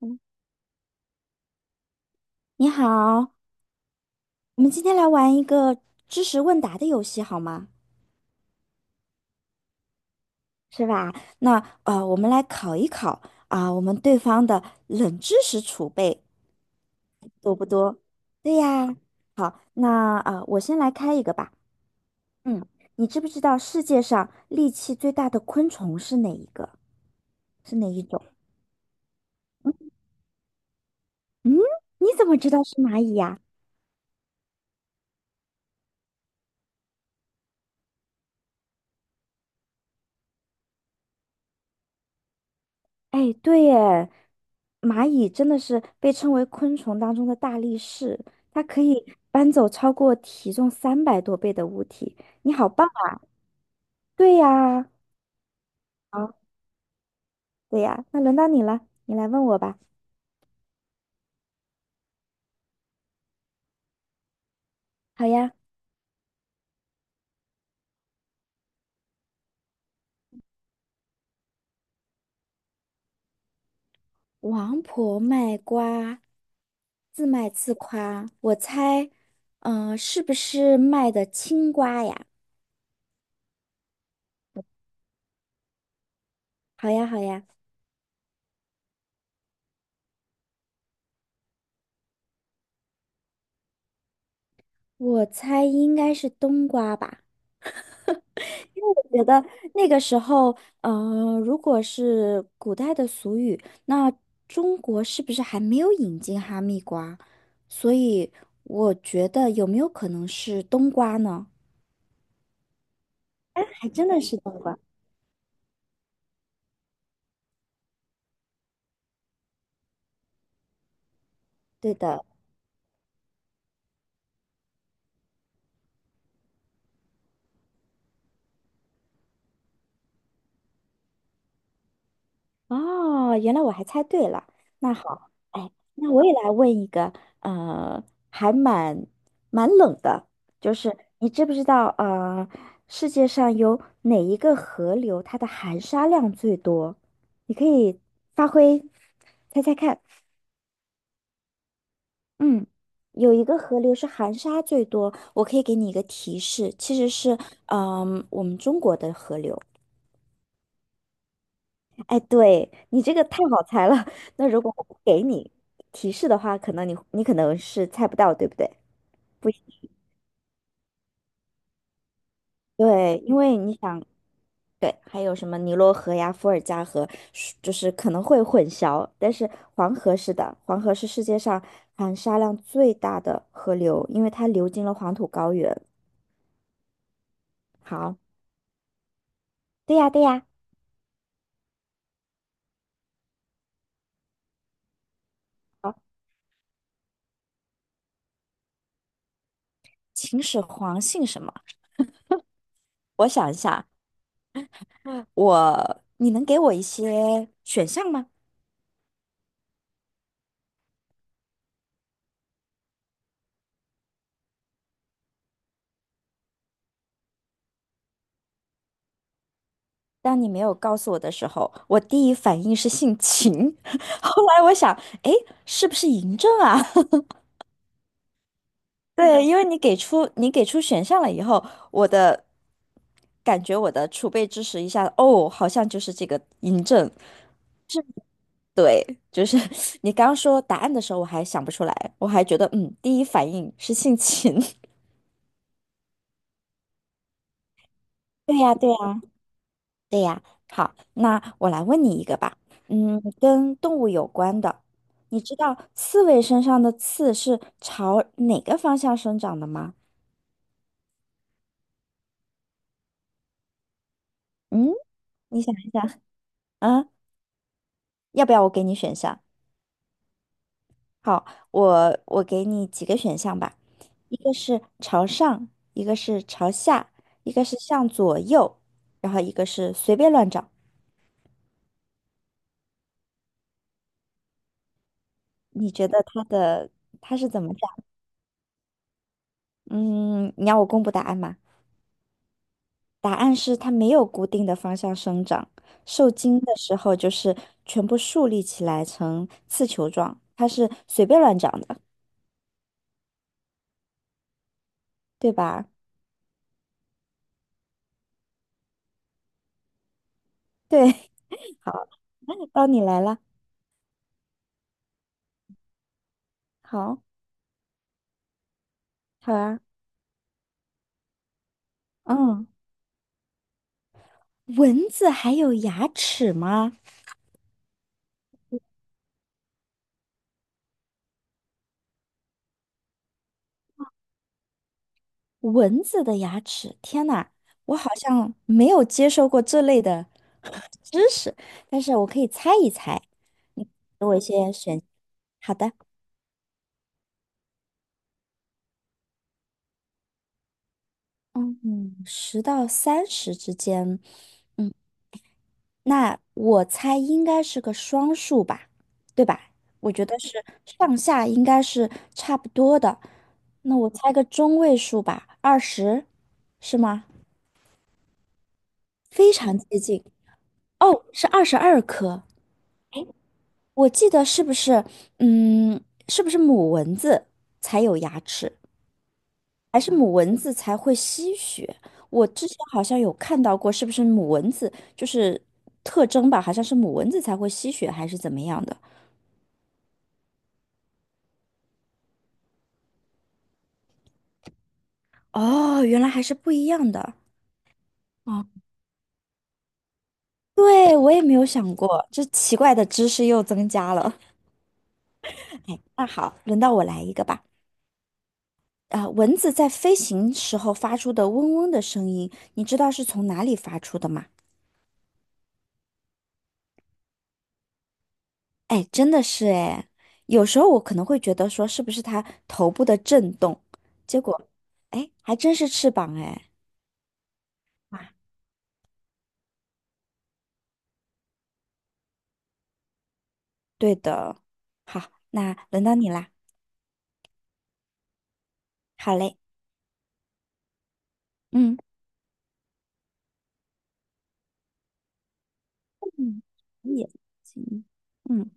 嗯，你好，我们今天来玩一个知识问答的游戏，好吗？是吧？那我们来考一考我们对方的冷知识储备多不多？对呀。好，那我先来开一个吧。嗯，你知不知道世界上力气最大的昆虫是哪一个？是哪一种？嗯，你怎么知道是蚂蚁呀、哎，对耶，蚂蚁真的是被称为昆虫当中的大力士，它可以搬走超过体重300多倍的物体。你好棒啊！对呀，好，对呀，那轮到你了，你来问我吧。好呀，王婆卖瓜，自卖自夸，我猜，是不是卖的青瓜呀？好呀，好呀，我猜应该是冬瓜吧。觉得那个时候，如果是古代的俗语，那中国是不是还没有引进哈密瓜？所以我觉得有没有可能是冬瓜呢？还真的是冬瓜，对的。哦，原来我还猜对了。那好，哎，那我也来问一个，呃，还蛮冷的，就是你知不知道，世界上有哪一个河流它的含沙量最多？你可以发挥，猜猜看。嗯，有一个河流是含沙最多，我可以给你一个提示，其实是，嗯、我们中国的河流。哎，对，你这个太好猜了。那如果我不给你提示的话，可能你可能是猜不到，对不对？不一，对，因为你想，对，还有什么尼罗河呀、伏尔加河，是就是可能会混淆。但是黄河是的，黄河是世界上含沙量最大的河流，因为它流经了黄土高原。好，对呀，对呀。好，秦始皇姓什么？我想一下，你能给我一些选项吗？当你没有告诉我的时候，我第一反应是姓秦，后来我想，哎，是不是嬴政啊？对，因为你给出选项了以后，我的我的储备知识一下，哦，好像就是这个嬴政。对，就是 你刚说答案的时候，我还想不出来，我还觉得第一反应是姓秦。对呀，对呀。对呀，好，那我来问你一个吧，跟动物有关的，你知道刺猬身上的刺是朝哪个方向生长的吗？嗯，你想一想 啊，要不要我给你选项？好，我给你几个选项吧，一个是朝上，一个是朝下，一个是向左右，然后一个是随便乱找。你觉得它是怎么长？嗯，你要我公布答案吗？答案是它没有固定的方向生长，受精的时候就是全部竖立起来成刺球状，它是随便乱长的，对吧？对，好，到你来了，好，好啊，嗯，蚊子还有牙齿吗？蚊子的牙齿，天呐，我好像没有接受过这类的知识，但是我可以猜一猜，你给我一些选，好的。嗯嗯，10到30之间，嗯，那我猜应该是个双数吧，对吧？我觉得是上下应该是差不多的。那我猜个中位数吧，二十，是吗？非常接近。哦，是22颗。我记得是不是，嗯，是不是母蚊子才有牙齿，还是母蚊子才会吸血？我之前好像有看到过，是不是母蚊子就是特征吧？好像是母蚊子才会吸血，还是怎么样的？哦，原来还是不一样的。哦，对，我也没有想过，这奇怪的知识又增加了。哎，那好，轮到我来一个吧。蚊子在飞行时候发出的嗡嗡的声音，你知道是从哪里发出的吗？哎，真的是哎，有时候我可能会觉得说是不是它头部的震动，结果，哎，还真是翅膀哎。啊，对的。好，那轮到你啦。好嘞，嗯，嗯，也行，嗯。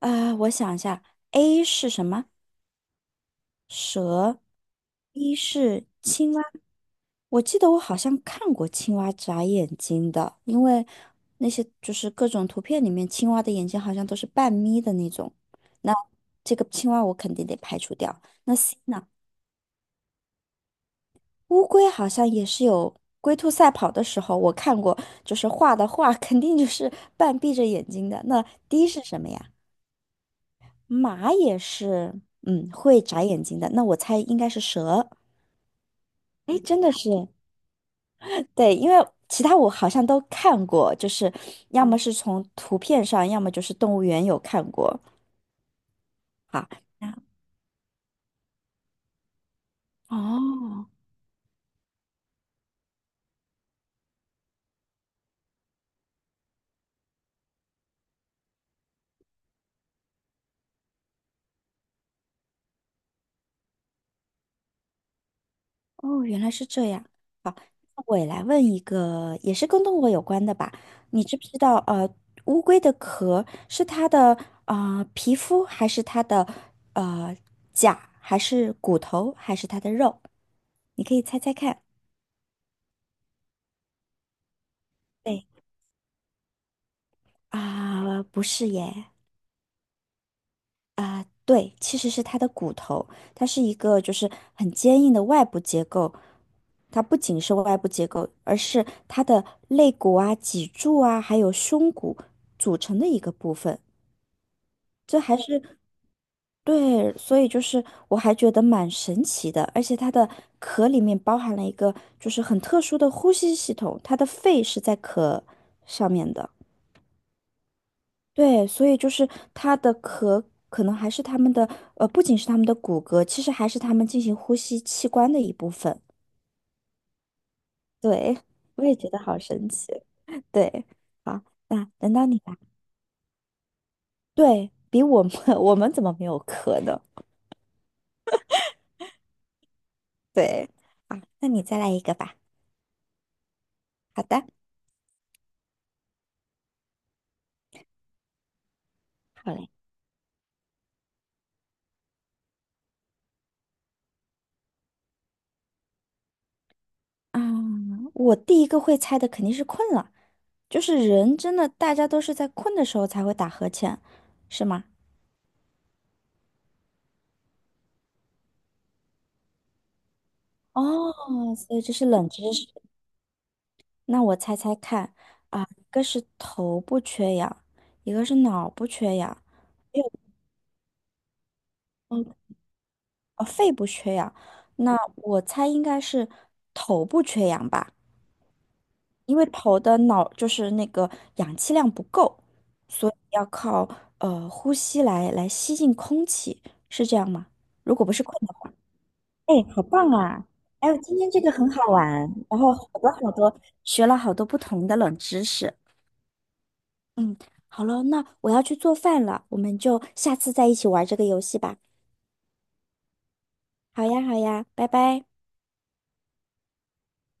我想一下，A 是什么？蛇，B 是青蛙。我记得我好像看过青蛙眨眼睛的，因为那些就是各种图片里面青蛙的眼睛好像都是半眯的那种。那这个青蛙我肯定得排除掉。那 C 呢？乌龟好像也是有龟兔赛跑的时候我看过，就是画的画 肯定就是半闭着眼睛的。那 D 是什么呀？马也是，会眨眼睛的。那我猜应该是蛇。哎，真的是，对，因为其他我好像都看过，就是要么是从图片上，要么就是动物园有看过。好，那哦，哦，原来是这样。我也来问一个，也是跟动物有关的吧？你知不知道，乌龟的壳是它的皮肤，还是它的呃甲，还是骨头，还是它的肉？你可以猜猜看。对。啊，不是耶，对，其实是它的骨头，它是一个就是很坚硬的外部结构，它不仅是外部结构，而是它的肋骨啊、脊柱啊，还有胸骨组成的一个部分。这还是对，所以就是我还觉得蛮神奇的，而且它的壳里面包含了一个就是很特殊的呼吸系统，它的肺是在壳上面的。对，所以就是它的壳可能还是它们的，不仅是它们的骨骼，其实还是它们进行呼吸器官的一部分。对，我也觉得好神奇。对，好，那轮到你了。对，比我们 我们怎么没有壳呢？对，啊，那你再来一个吧。好的，好嘞。啊，我第一个会猜的肯定是困了，就是人真的大家都是在困的时候才会打呵欠，是吗？哦，所以这是冷知识。那我猜猜看啊，一个是头部缺氧，一个是脑部缺氧，还有嗯，肺部缺氧。那我猜应该是头部缺氧吧，因为头的脑就是那个氧气量不够，所以要靠呼吸来吸进空气，是这样吗？如果不是困的话，哎，好棒啊！哎，今天这个很好玩。然后好多好多学了好多不同的冷知识。嗯，好了，那我要去做饭了，我们就下次再一起玩这个游戏吧。好呀，好呀，拜拜。